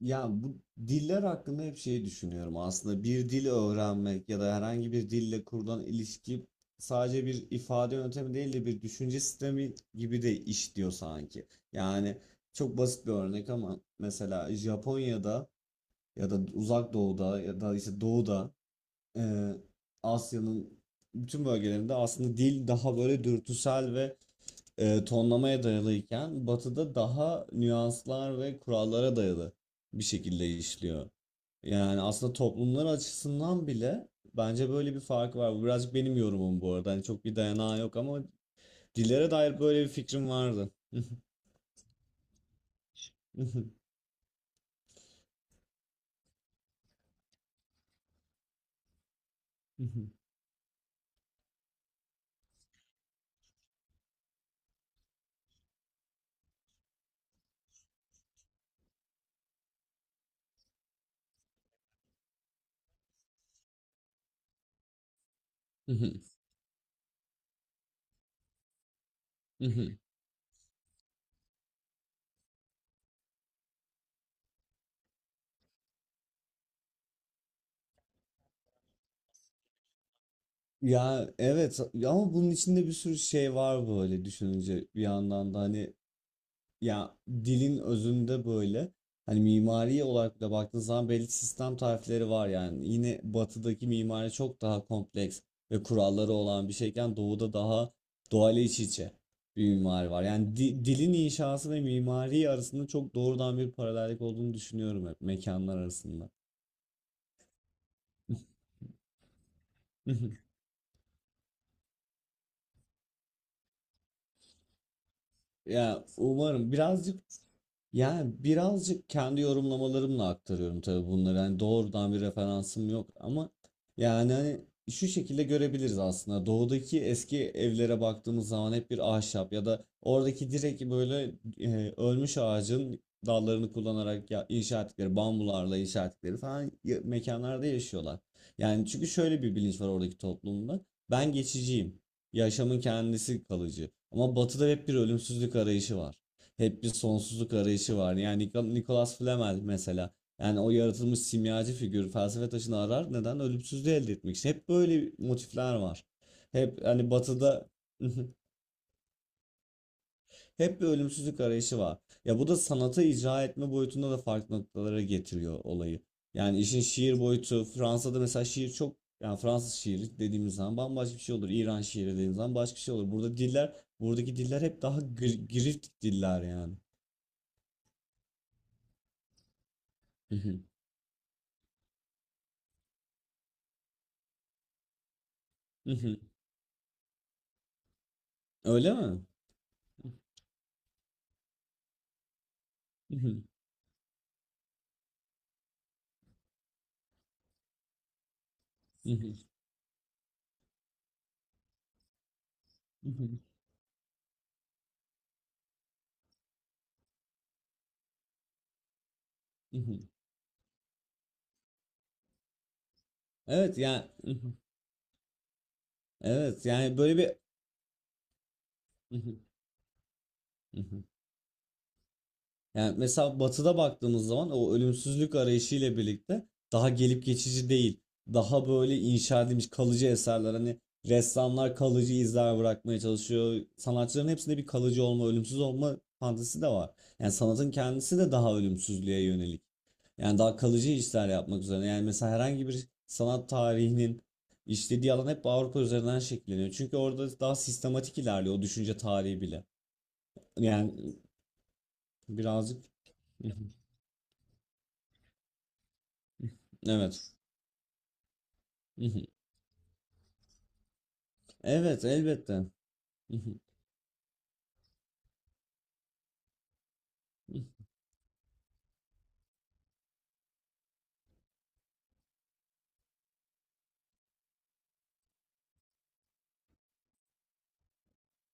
Ya bu diller hakkında hep şey düşünüyorum. Aslında bir dil öğrenmek ya da herhangi bir dille kurulan ilişki sadece bir ifade yöntemi değil de bir düşünce sistemi gibi de işliyor sanki. Yani çok basit bir örnek ama mesela Japonya'da ya da Uzak Doğu'da ya da işte Doğu'da e, Asya'nın bütün bölgelerinde aslında dil daha böyle dürtüsel ve tonlamaya dayalıyken Batı'da daha nüanslar ve kurallara dayalı bir şekilde işliyor. Yani aslında toplumlar açısından bile bence böyle bir fark var. Bu birazcık benim yorumum bu arada. Hani çok bir dayanağı yok ama dillere dair böyle bir fikrim vardı. Ya evet, ama bunun içinde bir sürü şey var böyle düşününce bir yandan da hani ya dilin özünde böyle hani mimari olarak da baktığın zaman belli sistem tarifleri var yani. Yine batıdaki mimari çok daha kompleks ve kuralları olan bir şeyken doğuda daha doğayla iç içe bir mimari var. Yani dilin inşası ve mimari arasında çok doğrudan bir paralellik olduğunu düşünüyorum hep mekanlar arasında. Ya umarım birazcık. Yani birazcık kendi yorumlamalarımla aktarıyorum tabii bunları. Yani doğrudan bir referansım yok ama yani hani şu şekilde görebiliriz aslında. Doğudaki eski evlere baktığımız zaman hep bir ahşap ya da oradaki direkt böyle ölmüş ağacın dallarını kullanarak ya, inşa ettikleri, bambularla inşa ettikleri falan mekanlarda yaşıyorlar. Yani çünkü şöyle bir bilinç var oradaki toplumda. Ben geçiciyim. Yaşamın kendisi kalıcı. Ama batıda hep bir ölümsüzlük arayışı var. Hep bir sonsuzluk arayışı var. Yani Nicholas Flamel mesela. Yani o yaratılmış simyacı figür felsefe taşını arar. Neden? Ölümsüzlüğü elde etmek için. Hep böyle motifler var. Hep hani batıda hep bir ölümsüzlük arayışı var. Ya bu da sanata icra etme boyutunda da farklı noktalara getiriyor olayı. Yani işin şiir boyutu Fransa'da mesela şiir çok, yani Fransız şiiri dediğimiz zaman bambaşka bir şey olur. İran şiiri dediğimiz zaman başka bir şey olur. Burada diller, buradaki diller hep daha girift diller yani. Öyle mi? Mhm. mhm, mhm, mhm. Evet yani mhm, evet yani böyle bir, Mhm, mhm. Yani mesela Batı'da baktığımız zaman o ölümsüzlük arayışı ile birlikte daha gelip geçici değil. Daha böyle inşa edilmiş kalıcı eserler, hani ressamlar kalıcı izler bırakmaya çalışıyor. Sanatçıların hepsinde bir kalıcı olma, ölümsüz olma fantezisi de var. Yani sanatın kendisi de daha ölümsüzlüğe yönelik. Yani daha kalıcı işler yapmak üzere. Yani mesela herhangi bir sanat tarihinin işlediği alan hep Avrupa üzerinden şekilleniyor. Çünkü orada daha sistematik ilerliyor o düşünce tarihi bile. Yani birazcık evet. Evet elbette.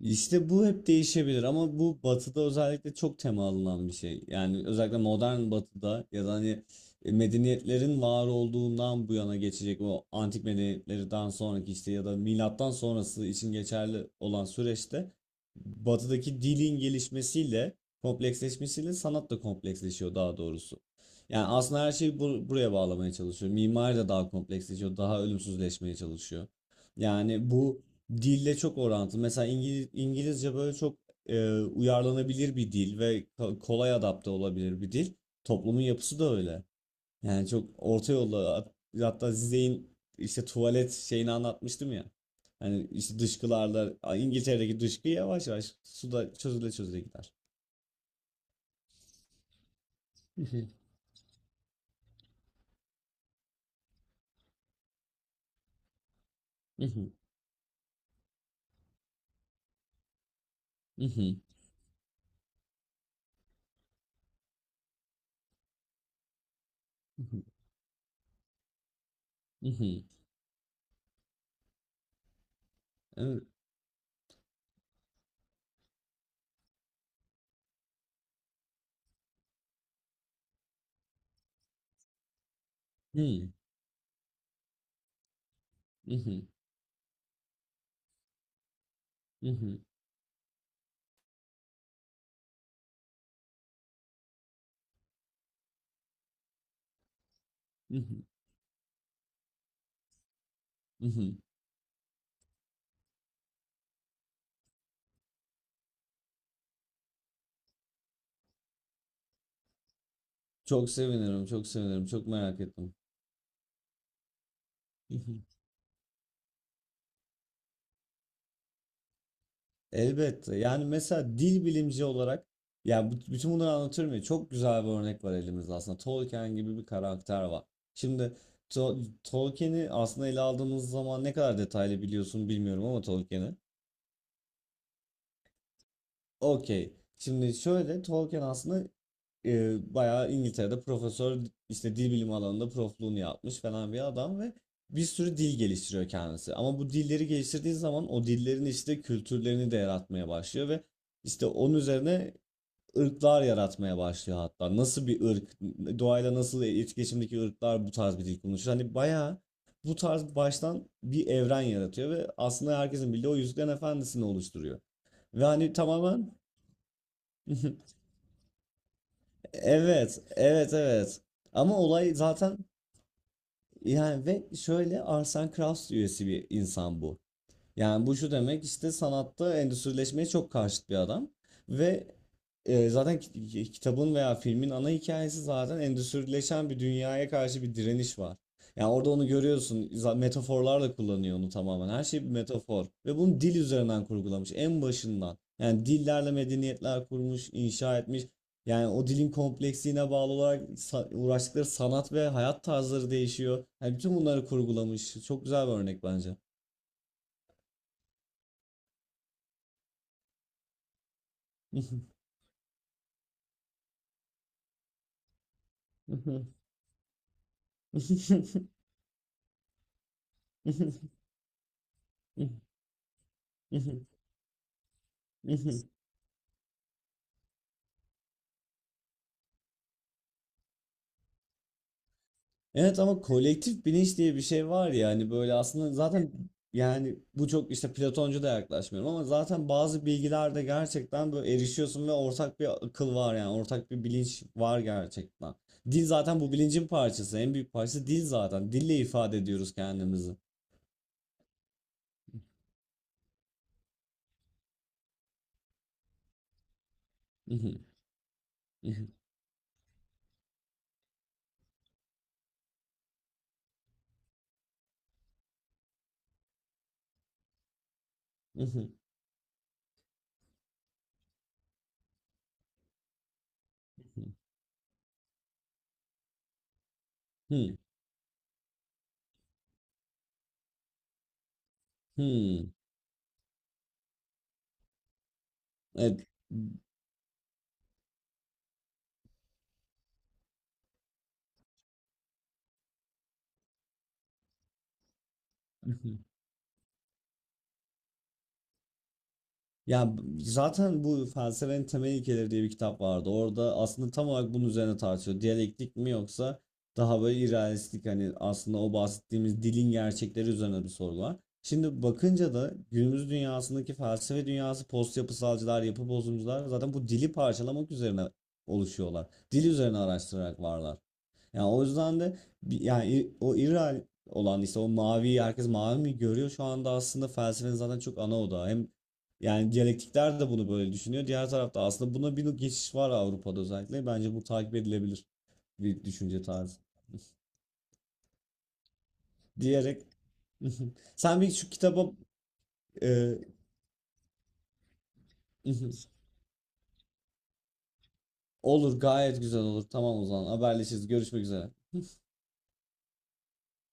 İşte bu hep değişebilir ama bu batıda özellikle çok temalanan bir şey. Yani özellikle modern batıda ya da hani medeniyetlerin var olduğundan bu yana geçecek o antik medeniyetlerden sonraki işte ya da milattan sonrası için geçerli olan süreçte batıdaki dilin gelişmesiyle kompleksleşmesiyle sanat da kompleksleşiyor, daha doğrusu. Yani aslında her şeyi buraya bağlamaya çalışıyor. Mimari de daha kompleksleşiyor, daha ölümsüzleşmeye çalışıyor. Yani bu dille çok orantılı. Mesela İngiliz, İngilizce böyle çok uyarlanabilir bir dil ve kolay adapte olabilir bir dil. Toplumun yapısı da öyle. Yani çok orta yolda hatta Zizek'in işte tuvalet şeyini anlatmıştım ya. Hani işte dışkılarla A, İngiltere'deki dışkı yavaş yavaş suda çözüle çözüle gider. Mhm. mhm, mhm, mhm, mhm, evet. Hmm. mhm, mhm, mhm, mhm. Çok sevinirim, çok sevinirim, çok merak ettim. Elbette. Yani mesela dil bilimci olarak yani bütün bunları anlatıyorum ya, çok güzel bir örnek var elimizde aslında. Tolkien gibi bir karakter var. Şimdi Tolkien'i aslında ele aldığımız zaman ne kadar detaylı biliyorsun bilmiyorum ama Tolkien'i. Okey. Şimdi şöyle, Tolkien aslında bayağı İngiltere'de profesör, işte dil bilimi alanında profluğunu yapmış falan bir adam ve bir sürü dil geliştiriyor kendisi. Ama bu dilleri geliştirdiği zaman o dillerin işte kültürlerini de yaratmaya başlıyor ve işte onun üzerine ırklar yaratmaya başlıyor hatta. Nasıl bir ırk, doğayla nasıl etkileşimdeki ırklar bu tarz bir dil konuşur. Hani bayağı bu tarz baştan bir evren yaratıyor ve aslında herkesin bildiği o Yüzüklerin Efendisi'ni oluşturuyor. Ve hani tamamen evet, evet, evet. Ama olay zaten yani, ve şöyle, Arsene Kraus üyesi bir insan bu. Yani bu şu demek, işte sanatta endüstrileşmeye çok karşıt bir adam ve zaten kitabın veya filmin ana hikayesi zaten endüstrileşen bir dünyaya karşı bir direniş var. Yani orada onu görüyorsun. Metaforlarla kullanıyor onu tamamen. Her şey bir metafor ve bunu dil üzerinden kurgulamış en başından. Yani dillerle medeniyetler kurmuş, inşa etmiş. Yani o dilin kompleksliğine bağlı olarak uğraştıkları sanat ve hayat tarzları değişiyor. Yani bütün bunları kurgulamış. Çok güzel bir örnek bence. Evet, ama kolektif bilinç diye bir şey var ya, hani böyle aslında zaten, yani bu çok işte Platoncu da yaklaşmıyorum ama zaten bazı bilgilerde gerçekten böyle erişiyorsun ve ortak bir akıl var, yani ortak bir bilinç var gerçekten. Dil zaten bu bilincin parçası, en büyük parçası dil, zaten dille ifade ediyoruz kendimizi. Evet. Ya zaten bu Felsefenin Temel İlkeleri diye bir kitap vardı. Orada aslında tam olarak bunun üzerine tartışıyor. Diyalektik mi yoksa daha böyle irrealistik, hani aslında o bahsettiğimiz dilin gerçekleri üzerine bir soru var. Şimdi bakınca da günümüz dünyasındaki felsefe dünyası post yapısalcılar, yapı bozumcular zaten bu dili parçalamak üzerine oluşuyorlar. Dil üzerine araştırarak varlar. Yani o yüzden de yani o İral olan işte o mavi, herkes mavi mi görüyor, şu anda aslında felsefenin zaten çok ana odağı. Hem yani diyalektikler de bunu böyle düşünüyor. Diğer tarafta aslında buna bir geçiş var Avrupa'da özellikle. Bence bu takip edilebilir bir düşünce tarzı diyerek sen bir şu kitaba e, olur, gayet güzel olur. Tamam, o zaman haberleşiriz. Görüşmek üzere.